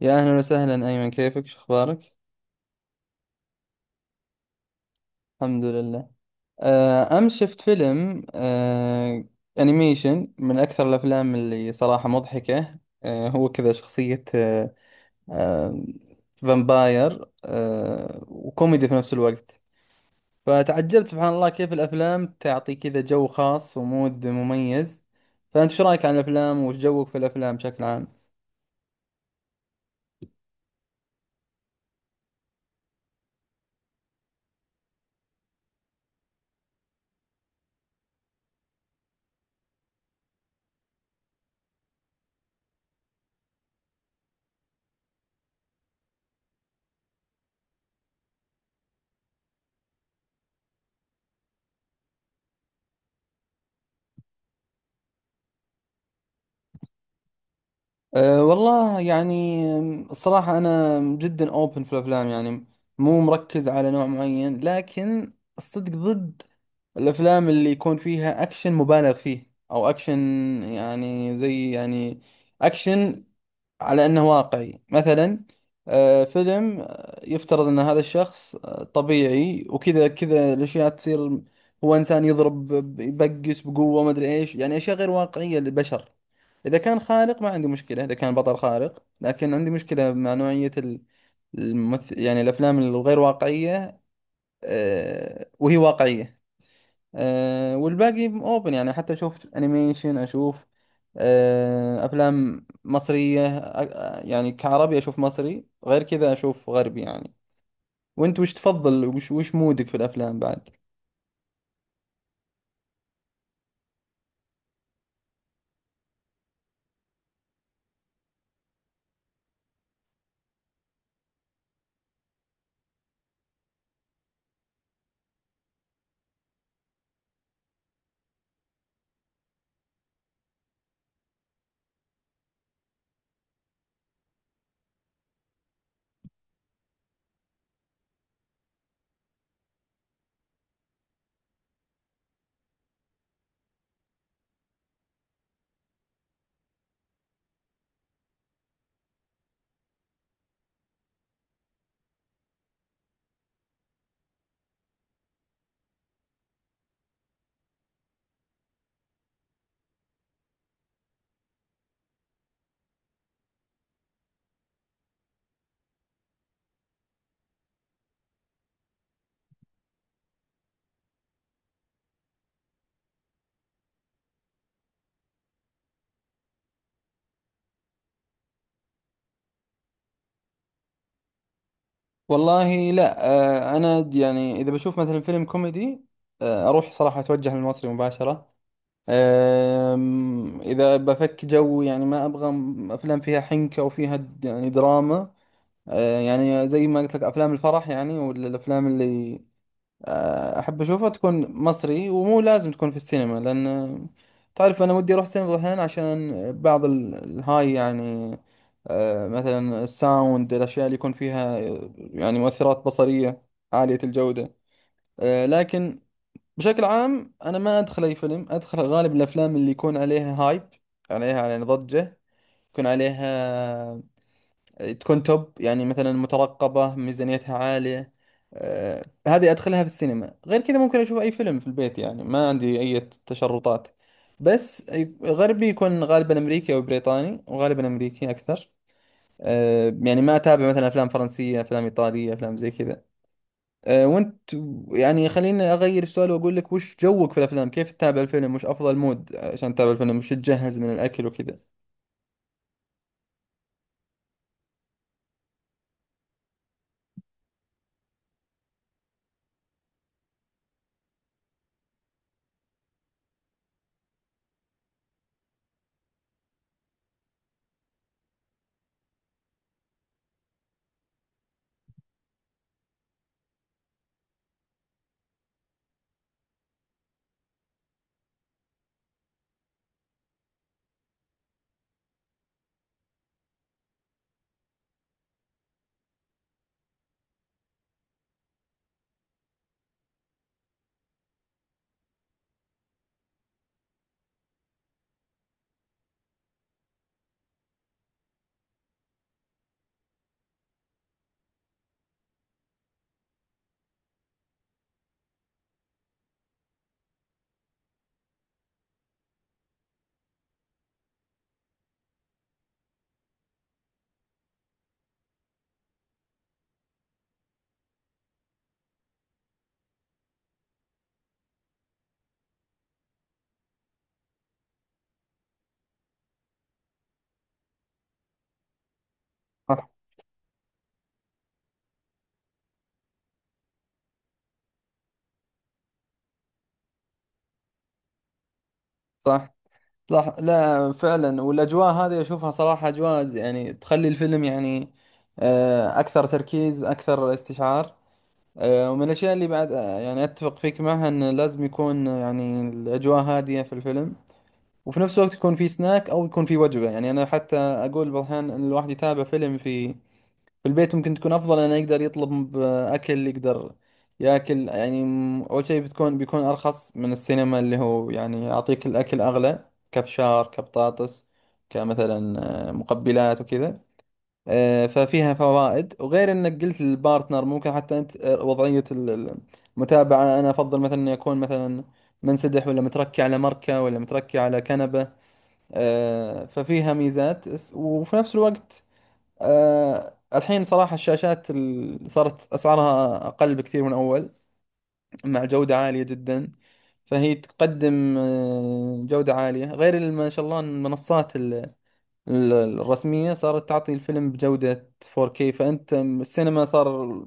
يا أهلا وسهلا أيمن، كيفك شو أخبارك؟ الحمد لله. أمس شفت فيلم أنيميشن، من أكثر الأفلام اللي صراحة مضحكة. هو كذا شخصية آه، فامباير، وكوميدي في نفس الوقت. فتعجبت سبحان الله كيف الأفلام تعطي كذا جو خاص ومود مميز. فأنت شو رأيك عن الأفلام؟ وش جوك في الأفلام بشكل عام؟ والله يعني، الصراحة أنا جدا أوبن في الأفلام يعني، مو مركز على نوع معين، لكن الصدق ضد الأفلام اللي يكون فيها أكشن مبالغ فيه، أو أكشن يعني زي يعني أكشن على انه واقعي مثلا. فيلم يفترض ان هذا الشخص طبيعي، وكذا كذا الاشياء تصير، هو انسان يضرب يبقس بقوة، ما ادري ايش، يعني اشياء غير واقعية للبشر. اذا كان خارق ما عندي مشكلة، اذا كان بطل خارق، لكن عندي مشكلة مع نوعية الممثل، يعني الافلام الغير واقعية وهي واقعية. والباقي اوبن، يعني حتى اشوف انيميشن، اشوف افلام مصرية، يعني كعربي اشوف مصري، غير كذا اشوف غربي يعني. وانت وش تفضل، وش مودك في الافلام بعد؟ والله لا. انا يعني اذا بشوف مثلا فيلم كوميدي اروح صراحة، اتوجه للمصري مباشرة. إذا بفك جو يعني ما أبغى أفلام فيها حنكة وفيها يعني دراما. يعني زي ما قلت لك أفلام الفرح يعني، ولا الأفلام اللي احب اشوفها تكون مصري. ومو لازم تكون في السينما، لان تعرف انا ودي اروح السينما بعض الاحيان عشان بعض الهاي يعني، مثلا الساوند، الاشياء اللي يكون فيها يعني مؤثرات بصرية عالية الجودة. لكن بشكل عام انا ما ادخل اي فيلم، ادخل غالب الافلام اللي يكون عليها هايب، عليها يعني ضجة، يكون عليها، تكون توب يعني، مثلا مترقبة ميزانيتها عالية. آه، هذه أدخلها في السينما. غير كذا ممكن أشوف أي فيلم في البيت، يعني ما عندي أي تشرطات. بس غربي يكون غالبا أمريكي أو بريطاني، وغالبا أمريكي أكثر. يعني ما أتابع مثلا أفلام فرنسية، أفلام إيطالية، أفلام زي كذا. وأنت، يعني خليني أغير السؤال وأقول لك: وش جوك في الأفلام؟ كيف تتابع الفيلم؟ وش أفضل مود عشان تتابع الفيلم؟ وش تجهز من الأكل وكذا؟ صح، صح، صح. لا فعلا، والاجواء هذه اشوفها صراحه اجواء يعني تخلي الفيلم يعني اكثر تركيز، اكثر استشعار. ومن الاشياء اللي بعد يعني اتفق فيك معها انه لازم يكون يعني الاجواء هاديه في الفيلم، وفي نفس الوقت يكون في سناك او يكون في وجبه. يعني انا حتى اقول بعض الاحيان ان الواحد يتابع فيلم في البيت ممكن تكون افضل، انه يقدر يطلب اكل، يقدر ياكل. يعني اول شيء بيكون ارخص من السينما اللي هو يعني يعطيك الاكل اغلى، كبشار، كبطاطس، كمثلا، مقبلات وكذا. ففيها فوائد. وغير انك قلت للبارتنر، ممكن حتى انت وضعية المتابعة، انا افضل مثلا اني اكون مثلا منسدح، ولا متركي على مركة، ولا متركي على كنبة. ففيها ميزات. وفي نفس الوقت الحين صراحة الشاشات صارت أسعارها أقل بكثير من أول، مع جودة عالية جدا. فهي تقدم جودة عالية. غير ما شاء الله إن المنصات الرسمية صارت تعطي الفيلم بجودة 4K. فأنت السينما صار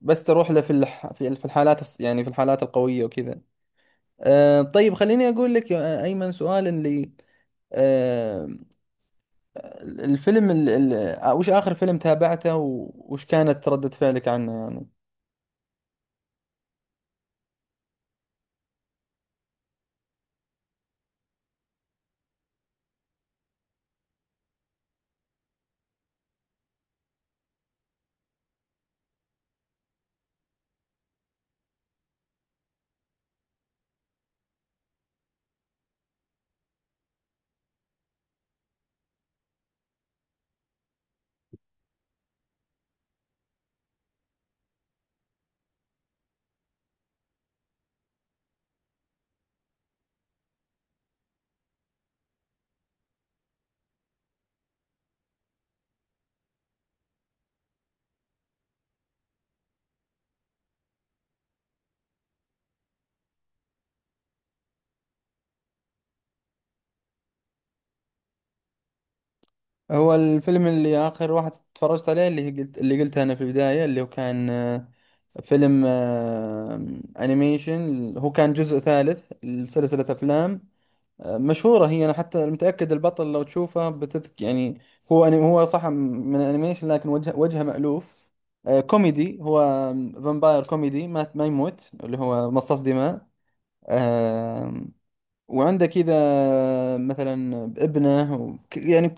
بس تروح له في في في الحالات يعني في الحالات القوية وكذا. طيب، خليني أقول لك يا أيمن سؤال اللي آه، الفيلم وش آخر فيلم تابعته، وش كانت ردة فعلك عنه يعني؟ هو الفيلم اللي آخر واحد تفرجت عليه، اللي قلته أنا في البداية، اللي هو كان فيلم أنيميشن، هو كان جزء ثالث لسلسلة أفلام مشهورة. هي أنا حتى متأكد البطل لو تشوفه بتذك يعني، هو هو صح من الأنيميشن، لكن وجهه مألوف. كوميدي هو، فامباير كوميدي ما يموت، اللي هو مصاص دماء. آه وعندك إذا مثلا ابنه يعني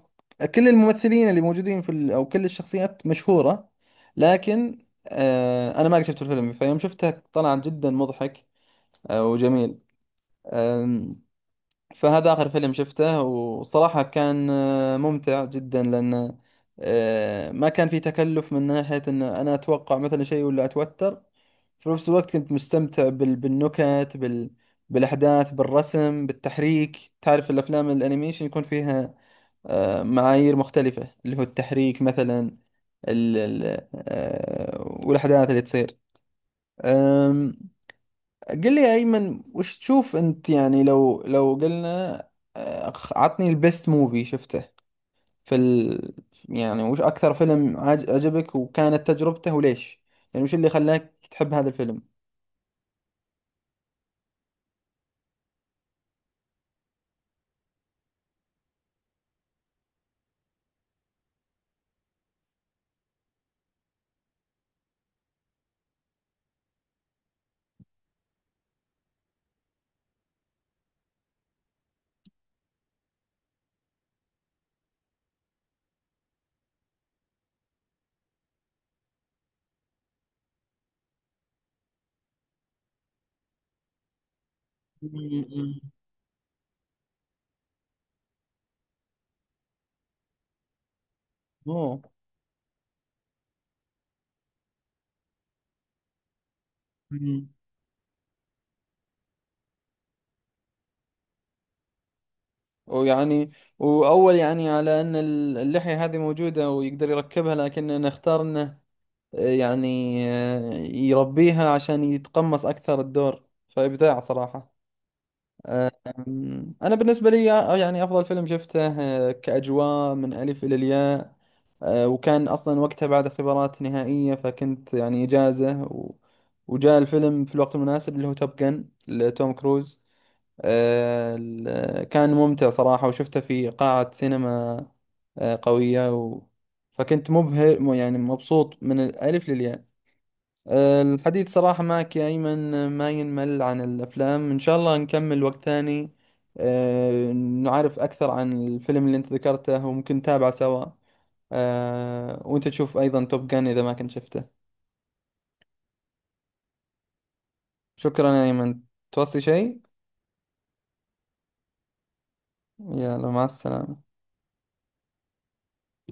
كل الممثلين اللي موجودين في أو كل الشخصيات مشهورة. لكن أنا ما قد شفت الفيلم، فيوم شفته طلع جدا مضحك وجميل. فهذا آخر فيلم شفته، وصراحة كان ممتع جدا. لأن ما كان في تكلف من ناحية أن أنا أتوقع مثلا شيء ولا أتوتر، في نفس الوقت كنت مستمتع بالنكت، بالأحداث، بالرسم، بالتحريك. تعرف الأفلام الأنيميشن يكون فيها معايير مختلفة، اللي هو التحريك مثلا، والأحداث اللي تصير. قل لي يا أيمن، وش تشوف أنت، يعني لو قلنا عطني البيست موفي شفته في يعني، وش أكثر فيلم عجبك وكانت تجربته، وليش يعني، وش اللي خلاك تحب هذا الفيلم؟ مم. أوه. مم. ويعني، وأول يعني على أن اللحية هذه موجودة ويقدر يركبها، لكن نختار أنه يعني يربيها عشان يتقمص أكثر الدور. فإبداع صراحة. أنا بالنسبة لي يعني أفضل فيلم شفته كأجواء من ألف إلى الياء، وكان أصلا وقتها بعد اختبارات نهائية، فكنت يعني إجازة، وجاء الفيلم في الوقت المناسب، اللي هو توب جن لتوم كروز. كان ممتع صراحة، وشفته في قاعة سينما قوية، فكنت مبهر، يعني مبسوط من الألف للياء. الحديث صراحة معك يا أيمن ما ينمل عن الأفلام. إن شاء الله نكمل وقت ثاني، نعرف أكثر عن الفيلم اللي أنت ذكرته، وممكن نتابعه سوا، وأنت تشوف أيضا توب جان إذا ما كنت شفته. شكرا يا أيمن، توصي شيء؟ يلا مع السلامة.